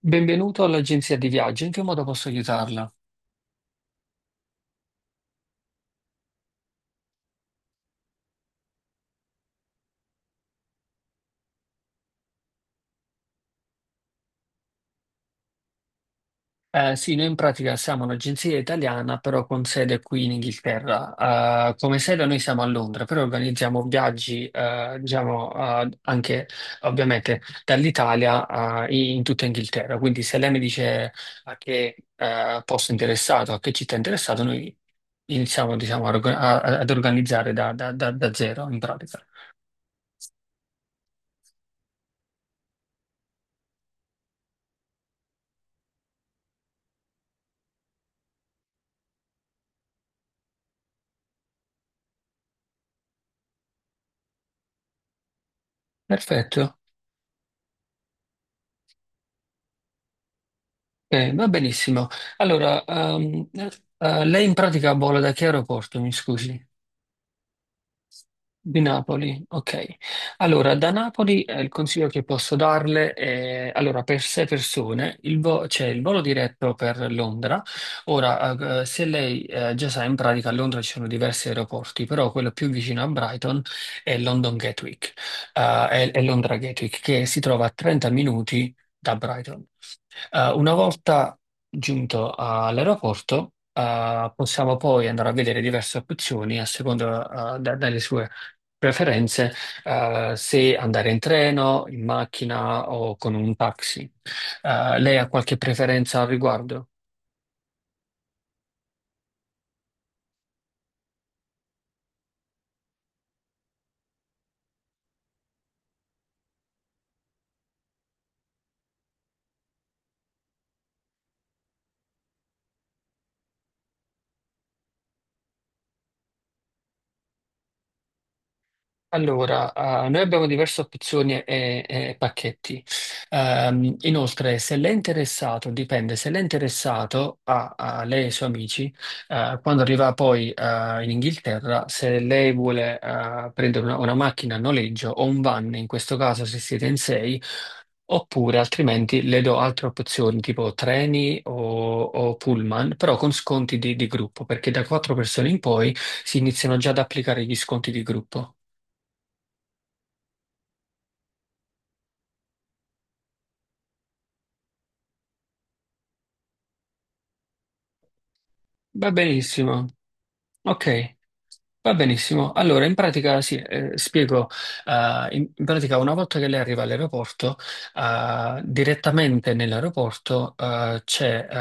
Benvenuto all'agenzia di viaggio, in che modo posso aiutarla? Sì, noi in pratica siamo un'agenzia italiana, però con sede qui in Inghilterra. Come sede noi siamo a Londra, però organizziamo viaggi, diciamo, anche ovviamente dall'Italia, in tutta Inghilterra. Quindi se lei mi dice a che, posto è interessato, a che città è interessato, noi iniziamo, diciamo, ad organizzare da zero in pratica. Perfetto. Va benissimo. Allora, lei in pratica vola da che aeroporto, mi scusi? Di Napoli, ok. Allora, da Napoli il consiglio che posso darle è, allora, per sei persone c'è il volo diretto per Londra. Ora, se lei già sa, in pratica a Londra ci sono diversi aeroporti, però quello più vicino a Brighton è Londra Gatwick, che si trova a 30 minuti da Brighton. Una volta giunto all'aeroporto, possiamo poi andare a vedere diverse opzioni a seconda, delle sue preferenze, se andare in treno, in macchina o con un taxi. Lei ha qualche preferenza al riguardo? Allora, noi abbiamo diverse opzioni e pacchetti. Inoltre, se lei è interessato, dipende, se lei è interessato a lei e i suoi amici, quando arriva poi in Inghilterra, se lei vuole prendere una macchina a noleggio o un van, in questo caso se siete in sei, oppure altrimenti le do altre opzioni tipo treni o pullman, però con sconti di gruppo, perché da quattro persone in poi si iniziano già ad applicare gli sconti di gruppo. Va benissimo. Ok. Va benissimo. Allora, in pratica, sì, spiego. In pratica, una volta che lei arriva all'aeroporto, direttamente nell'aeroporto, c'è,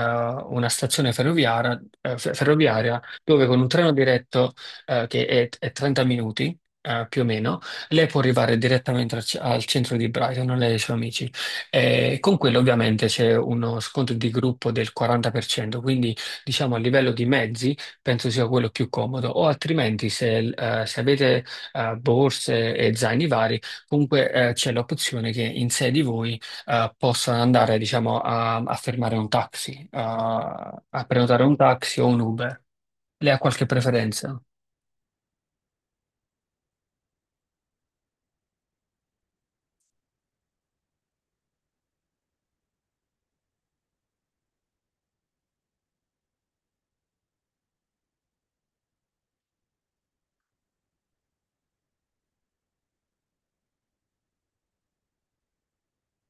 una stazione ferroviaria, ferroviaria dove con un treno diretto, che è 30 minuti, più o meno, lei può arrivare direttamente al centro di Brighton, lei e i suoi amici. E con quello ovviamente c'è uno sconto di gruppo del 40%, quindi diciamo a livello di mezzi. Penso sia quello più comodo, o altrimenti se, se avete borse e zaini vari, comunque c'è l'opzione che in sé di voi possano andare, diciamo, a fermare un taxi, a prenotare un taxi o un Uber. Lei ha qualche preferenza?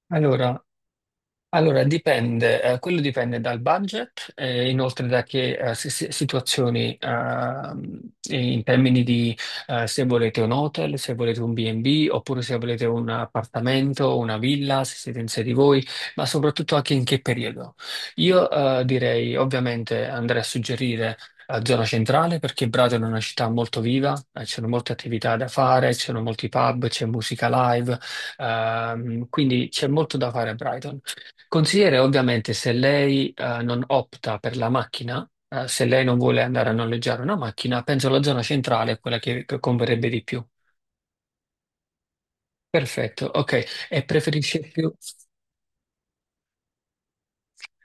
Allora, Allora, dipende, quello dipende dal budget e inoltre da che situazioni in termini di se volete un hotel, se volete un B&B oppure se volete un appartamento, una villa, se siete in sé di voi, ma soprattutto anche in che periodo. Io direi ovviamente andrei a suggerire zona centrale perché Bradola è una città molto viva, ci sono molte attività da fare, ci sono molti pub, c'è musica live, quindi c'è molto da fare a Brighton. Consigliere, ovviamente, se lei non opta per la macchina, se lei non vuole andare a noleggiare una macchina, penso la zona centrale è quella che converrebbe di più. Perfetto, ok. E preferisce più?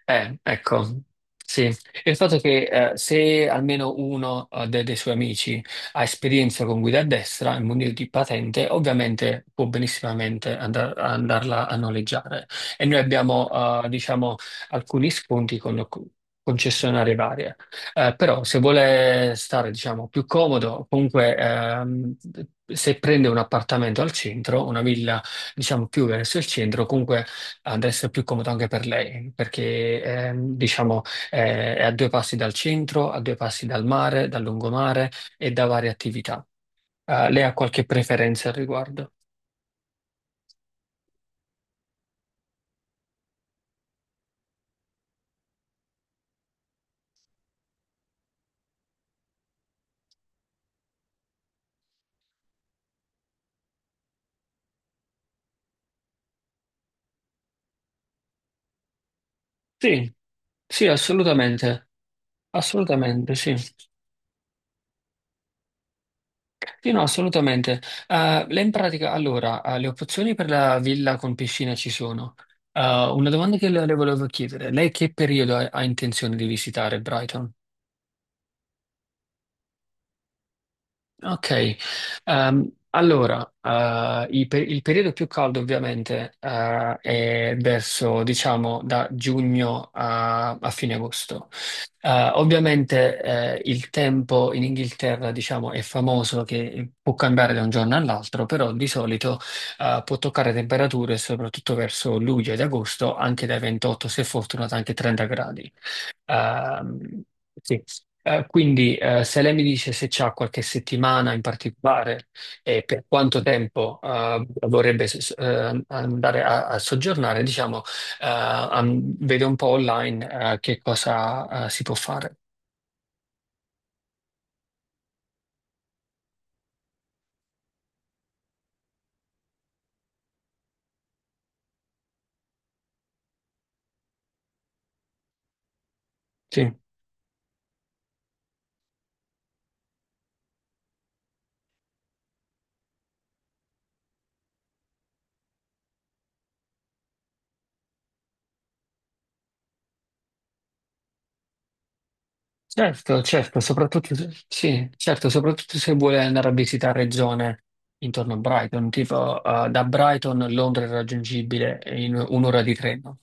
Ecco, sì. Il fatto è che se almeno uno dei suoi amici ha esperienza con guida a destra e munito di patente, ovviamente può benissimamente andarla a noleggiare. E noi abbiamo, diciamo, alcuni sconti con concessionarie varie. Però se vuole stare, diciamo, più comodo, comunque se prende un appartamento al centro, una villa, diciamo, più verso il centro, comunque ad essere più comodo anche per lei, perché diciamo è a due passi dal centro, a due passi dal mare, dal lungomare e da varie attività. Lei ha qualche preferenza al riguardo? Sì, sì, assolutamente. Assolutamente, sì. Sì, no, assolutamente. Lei in pratica, allora, le opzioni per la villa con piscina ci sono. Una domanda che le volevo chiedere, lei che periodo ha intenzione di visitare Brighton? Ok, allora, il periodo più caldo ovviamente è verso, diciamo, da giugno a fine agosto. Ovviamente il tempo in Inghilterra, diciamo, è famoso che può cambiare da un giorno all'altro, però di solito può toccare temperature, soprattutto verso luglio ed agosto, anche dai 28, se fortunato, anche 30 gradi. Ehm, sì. Quindi se lei mi dice se c'ha qualche settimana in particolare e per quanto tempo vorrebbe andare a soggiornare, diciamo, vede un po' online che cosa si può fare. Sì. Certo, certo, soprattutto se, sì, certo, soprattutto se vuole andare a visitare zone intorno a Brighton, tipo da Brighton Londra è raggiungibile in un'ora di treno.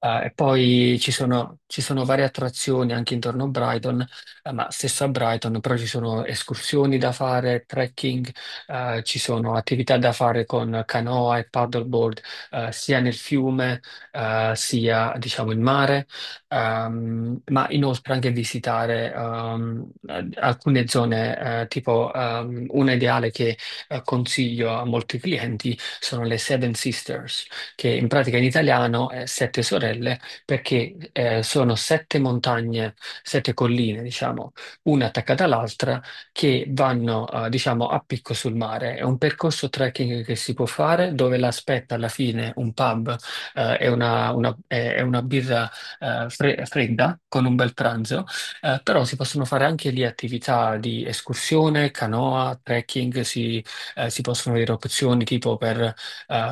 E poi ci sono varie attrazioni anche intorno a Brighton, ma stesso a Brighton, però ci sono escursioni da fare, trekking, ci sono attività da fare con canoa e paddleboard, sia nel fiume, sia diciamo in mare, ma inoltre anche visitare alcune zone, tipo una ideale che consiglio a molti clienti sono le Seven Sisters che in pratica in italiano è Sette Sorelle, perché sono sette montagne, sette colline, diciamo, una attaccata all'altra, che vanno, diciamo, a picco sul mare. È un percorso trekking che si può fare, dove l'aspetta alla fine un pub e una birra fredda con un bel pranzo. Però si possono fare anche lì attività di escursione, canoa, trekking, si possono avere opzioni tipo per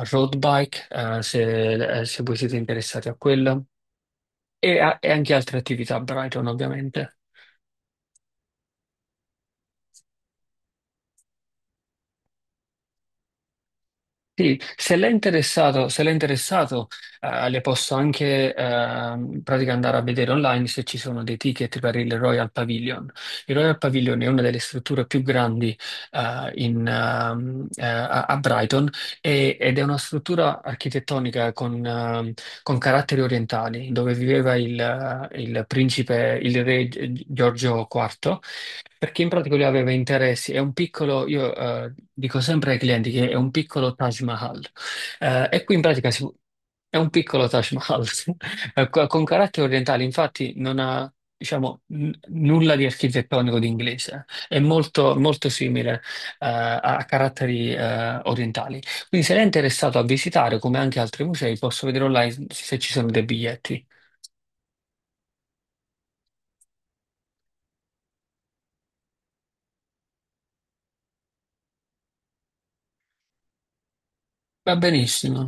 road bike, se voi siete interessati a quella, e anche altre attività a Brighton, ovviamente. Sì, se l'è interessato, le posso anche pratica andare a vedere online se ci sono dei ticket per il Royal Pavilion. Il Royal Pavilion è una delle strutture più grandi in, a a Brighton ed è una struttura architettonica con caratteri orientali, dove viveva il principe, il re Giorgio IV. Perché in pratica lui aveva interessi, io dico sempre ai clienti che è un piccolo Taj Mahal. E qui in pratica è un piccolo Taj Mahal, sì. Con caratteri orientali, infatti non ha, diciamo, nulla di architettonico di inglese, è molto, molto simile a caratteri orientali. Quindi se lei è interessato a visitare, come anche altri musei, posso vedere online se ci sono dei biglietti. Va benissimo.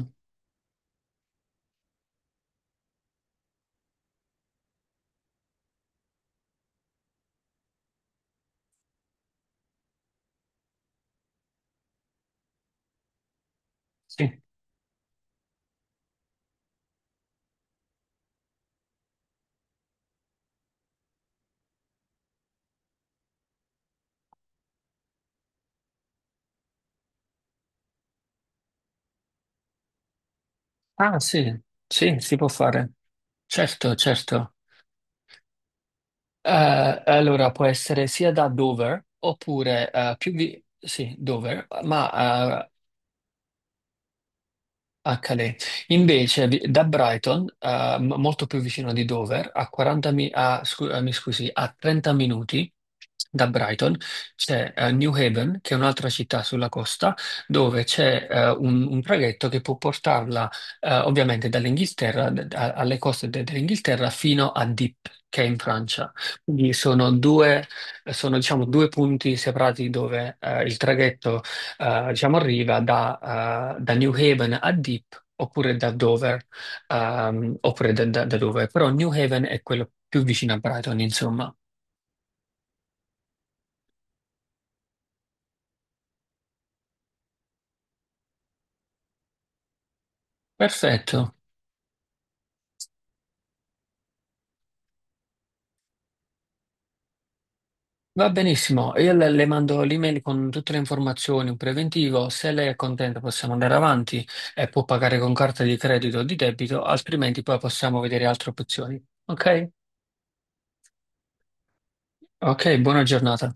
Sì. Ah sì, sì, si può fare. Certo, certo. Allora può essere sia da Dover oppure sì, Dover, ma HD. Da Brighton, molto più vicino di Dover, a 40 mi, mi scusi, a 30 minuti da Brighton c'è New Haven, che è un'altra città sulla costa, dove c'è un traghetto che può portarla ovviamente dall'Inghilterra, alle coste dell'Inghilterra, fino a Dieppe, che è in Francia. Quindi sono, diciamo, due punti separati dove il traghetto diciamo, arriva da New Haven a Dieppe oppure da Dover, oppure da Dover, però New Haven è quello più vicino a Brighton, insomma. Perfetto, va benissimo. Io le mando l'email con tutte le informazioni, un preventivo, se lei è contenta possiamo andare avanti e può pagare con carta di credito o di debito, altrimenti poi possiamo vedere altre opzioni. Ok? Ok, buona giornata.